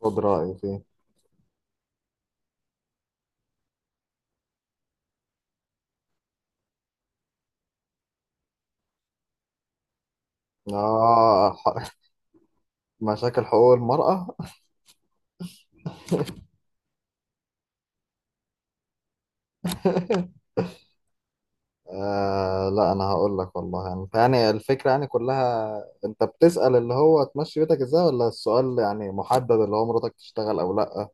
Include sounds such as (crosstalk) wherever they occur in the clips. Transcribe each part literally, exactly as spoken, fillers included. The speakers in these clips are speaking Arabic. خد رأيي فيه. آه ح- (laughs) مشاكل حقوق المرأة. آه لا، أنا هقول لك والله، يعني يعني الفكرة يعني كلها. أنت بتسأل اللي هو تمشي بيتك إزاي، ولا السؤال يعني محدد اللي هو مراتك تشتغل أو لأ؟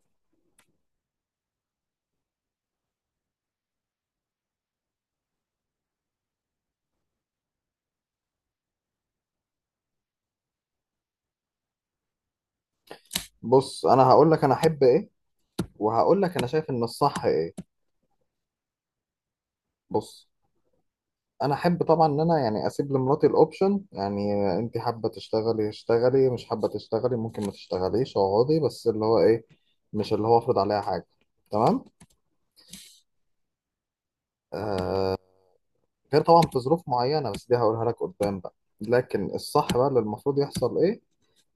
بص، أنا هقول لك أنا أحب إيه، وهقول لك أنا شايف إن الصح إيه. بص، أنا أحب طبعا إن أنا يعني أسيب لمراتي الأوبشن، يعني أنت حابة تشتغلي اشتغلي، مش حابة تشتغلي ممكن ما تشتغليش اقعدي، بس اللي هو إيه، مش اللي هو أفرض عليها حاجة. تمام؟ غير طبعا في ظروف معينة، بس دي هقولها لك قدام بقى. لكن الصح بقى اللي المفروض يحصل ايه؟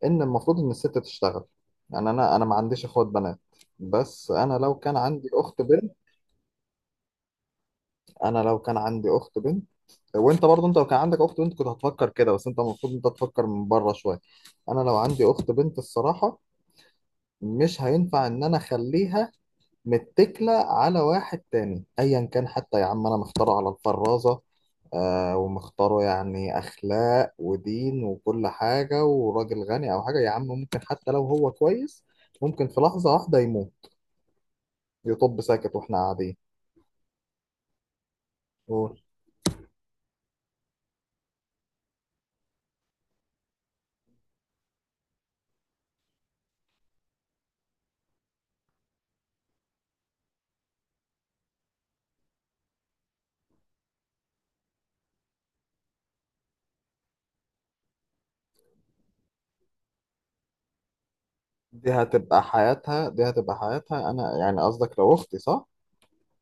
ان المفروض ان الست تشتغل. يعني انا انا ما عنديش اخوات بنات، بس انا لو كان عندي اخت بنت، انا لو كان عندي اخت بنت، وانت برضه انت لو كان عندك اخت بنت كنت هتفكر كده، بس انت المفروض انت تفكر من بره شوية. انا لو عندي اخت بنت الصراحة، مش هينفع ان انا اخليها متكلة على واحد تاني أيا كان. حتى يا عم، أنا مختاره على الفرازة، آه، ومختاره يعني أخلاق ودين وكل حاجة وراجل غني أو حاجة. يا عم، ممكن حتى لو هو كويس، ممكن في لحظة واحدة يموت، يطب ساكت وإحنا قاعدين. قول. دي هتبقى حياتها، دي هتبقى حياتها. أنا يعني قصدك لو أختي صح؟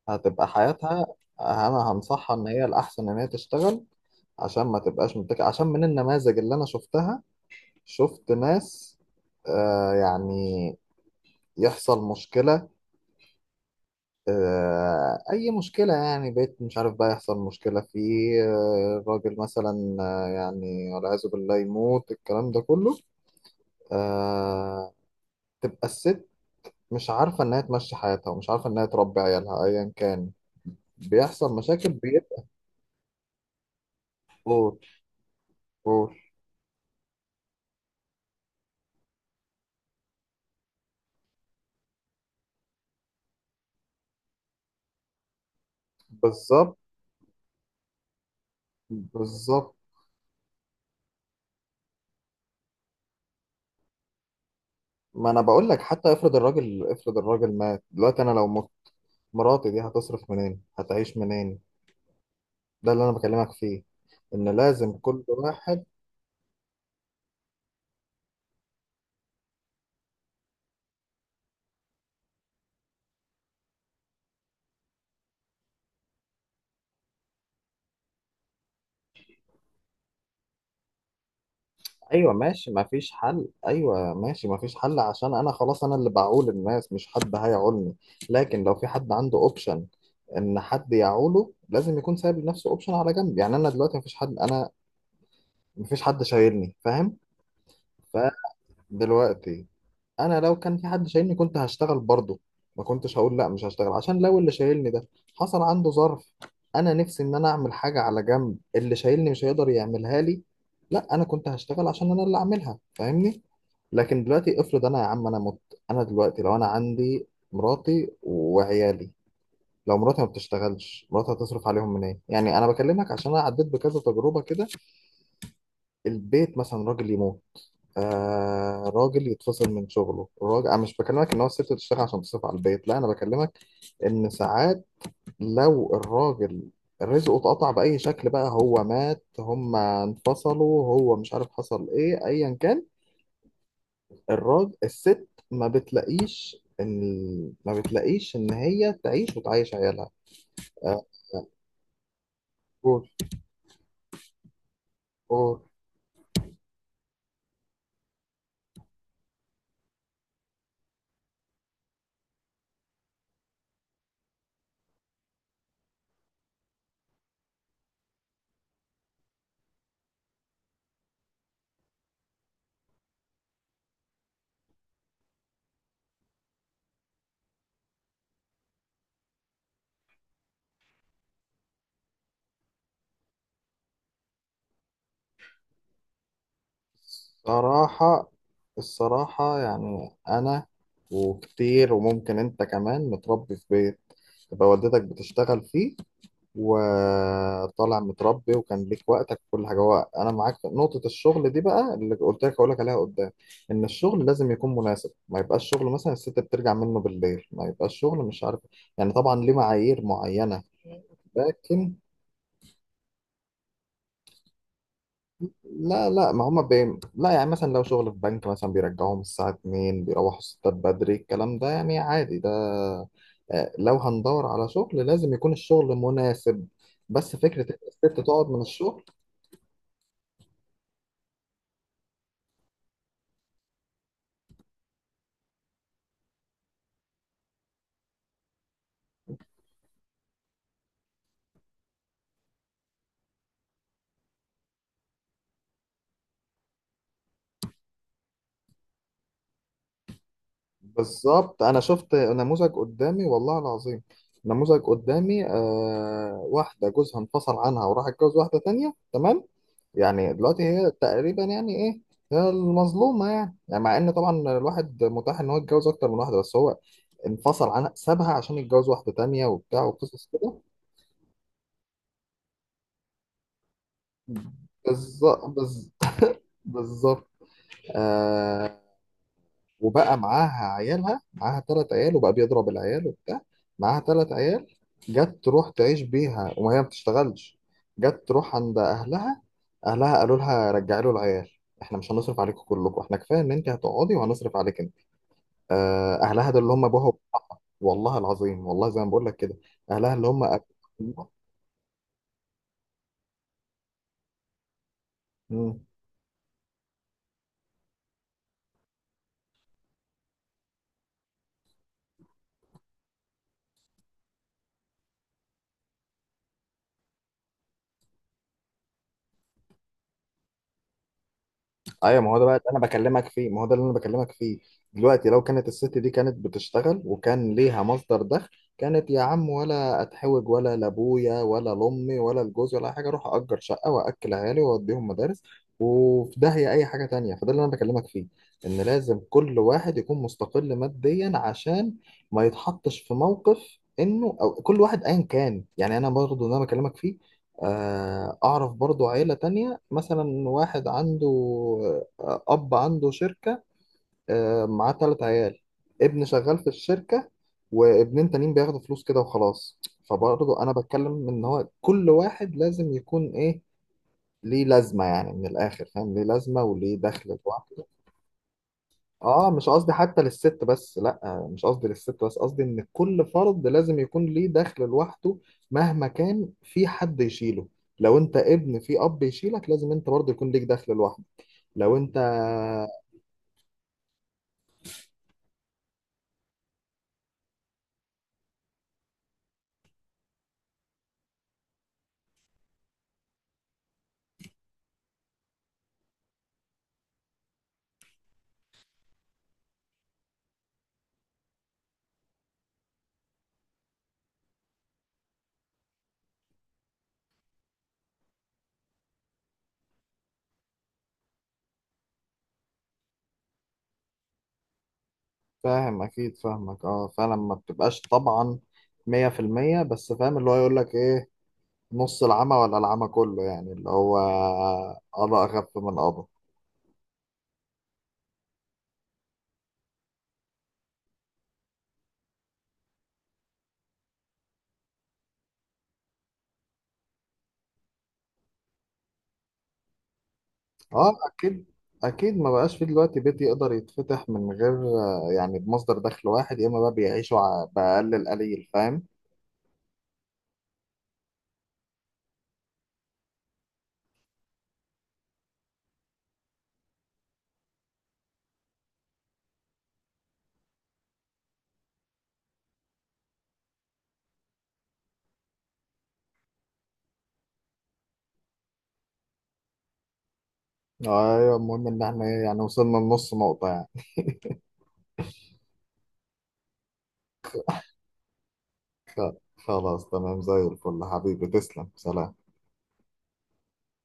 هتبقى حياتها. أنا هنصحها إن هي الأحسن إن هي تشتغل، عشان ما تبقاش متكلة، عشان من النماذج اللي أنا شفتها، شفت ناس، آه يعني، يحصل مشكلة، آه أي مشكلة، يعني بيت مش عارف بقى يحصل مشكلة فيه، آه راجل مثلا، آه يعني والعياذ بالله يموت، الكلام ده كله، آه، تبقى الست مش عارفة إنها تمشي حياتها، ومش عارفة إنها تربي عيالها أيا كان. بيحصل مشاكل، بيبقى. قول. قول. بالظبط، بالظبط. ما أنا بقول لك، حتى افرض الراجل، افرض الراجل مات دلوقتي، أنا لو مت مراتي دي هتصرف منين؟ هتعيش منين؟ ده اللي انا بكلمك فيه، ان لازم كل واحد. ايوه ماشي، ما فيش حل. ايوه ماشي، ما فيش حل، عشان انا خلاص انا اللي بعول الناس، مش حد هيعولني. لكن لو في حد عنده اوبشن ان حد يعوله، لازم يكون سايب لنفسه اوبشن على جنب. يعني انا دلوقتي ما فيش حد، انا ما فيش حد شايلني، فاهم؟ فدلوقتي انا لو كان في حد شايلني، كنت هشتغل برضه، ما كنتش هقول لا مش هشتغل، عشان لو اللي شايلني ده حصل عنده ظرف، انا نفسي ان انا اعمل حاجه على جنب، اللي شايلني مش هيقدر يعملها لي، لا انا كنت هشتغل عشان انا اللي اعملها، فاهمني؟ لكن دلوقتي افرض انا يا عم انا مت، انا دلوقتي لو انا عندي مراتي وعيالي، لو مراتي ما بتشتغلش مراتي هتصرف عليهم منين؟ يعني انا بكلمك عشان انا عديت بكذا تجربه كده. البيت مثلا راجل يموت، آه راجل يتفصل من شغله، راجل. انا مش بكلمك ان هو الست تشتغل عشان تصرف على البيت، لا انا بكلمك ان ساعات لو الراجل رزقه اتقطع باي شكل بقى، هو مات، هم انفصلوا، هو مش عارف حصل ايه، ايا كان، الراجل الست ما بتلاقيش ان، ما بتلاقيش ان هي تعيش وتعيش عيالها. آه. قول. قول. صراحة، الصراحة يعني انا، وكتير وممكن انت كمان متربي في بيت تبقى والدتك بتشتغل فيه، وطالع متربي وكان ليك وقتك وكل حاجه. هو انا معاك في نقطه الشغل دي، بقى اللي قلت لك هقول لك عليها قدام، ان الشغل لازم يكون مناسب، ما يبقاش شغل مثلا الست بترجع منه بالليل، ما يبقاش شغل مش عارف، يعني طبعا ليه معايير معينه. لكن لا لا، ما هما بي... لا، يعني مثلا لو شغل في بنك مثلا بيرجعوهم الساعة الثانية، بيروحوا الستات بدري، الكلام ده يعني عادي ده. آه، لو هندور على شغل لازم يكون الشغل مناسب، بس فكرة إن الست تقعد من الشغل. بالظبط، أنا شفت نموذج قدامي والله العظيم، نموذج قدامي. آه، واحدة جوزها انفصل عنها وراح اتجوز واحدة تانية. تمام؟ يعني دلوقتي هي تقريبا يعني ايه، هي المظلومة يعني، يعني مع ان طبعا الواحد متاح ان هو يتجوز اكتر من واحدة، بس هو انفصل عنها سابها عشان يتجوز واحدة تانية وبتاع وقصص كده. بالظبط، بالظبط، (laughs) بالظبط. آه. وبقى معاها عيالها، معاها ثلاث عيال، وبقى بيضرب العيال وبتاع. معاها ثلاث عيال، جت تروح تعيش بيها، وما هي ما بتشتغلش. جت تروح عند اهلها، اهلها قالوا لها رجعي له العيال، احنا مش هنصرف عليكم كلكم، احنا كفايه ان انت هتقعدي وهنصرف عليك انت. آه، اهلها ده اللي هم ابوها وأمها. والله العظيم، والله زي ما بقول لك كده. اهلها اللي هم أبوها. مم. ايوه، ما هو ده بقى اللي انا بكلمك فيه، ما هو ده اللي انا بكلمك فيه. دلوقتي لو كانت الست دي كانت بتشتغل وكان ليها مصدر دخل، كانت يا عم ولا اتحوج ولا لابويا ولا لامي ولا لجوزي ولا أي حاجه، اروح اجر شقه واكل عيالي واوديهم مدارس، وفي داهيه اي حاجه تانية. فده اللي انا بكلمك فيه، ان لازم كل واحد يكون مستقل ماديا، عشان ما يتحطش في موقف، انه او كل واحد ايا كان. يعني انا برضه اللي انا بكلمك فيه، آه، أعرف برضو عيلة تانية، مثلا واحد عنده، آه، أب عنده شركة، آه، معاه تلات عيال، ابن شغال في الشركة، وابنين تانيين بياخدوا فلوس كده وخلاص. فبرضو أنا بتكلم إن هو كل واحد لازم يكون إيه، ليه لازمة، يعني من الآخر فاهم، ليه لازمة وليه دخل لوحده. اه مش قصدي حتى للست بس، لا مش قصدي للست بس، قصدي ان كل فرد لازم يكون ليه دخل لوحده، مهما كان في حد يشيله. لو انت ابن في اب يشيلك، لازم انت برضه يكون ليك دخل لوحدك. لو انت، فاهم؟ اكيد فاهمك. اه فعلا، ما بتبقاش طبعا مية في المية، بس فاهم اللي هو يقول لك ايه، نص العمى ولا العمى كله، يعني اللي هو قضاء اخف من قضاء. اه اكيد، اكيد. ما بقاش في دلوقتي بيت يقدر يتفتح من غير، آه، يعني بمصدر دخل واحد، يا اما بقى بيعيشوا ع- باقل القليل، فاهم؟ ايوه، المهم ان احنا إيه، يعني وصلنا لنص نقطة يعني. خ- خلاص، تمام زي الفل حبيبي، تسلم، سلام.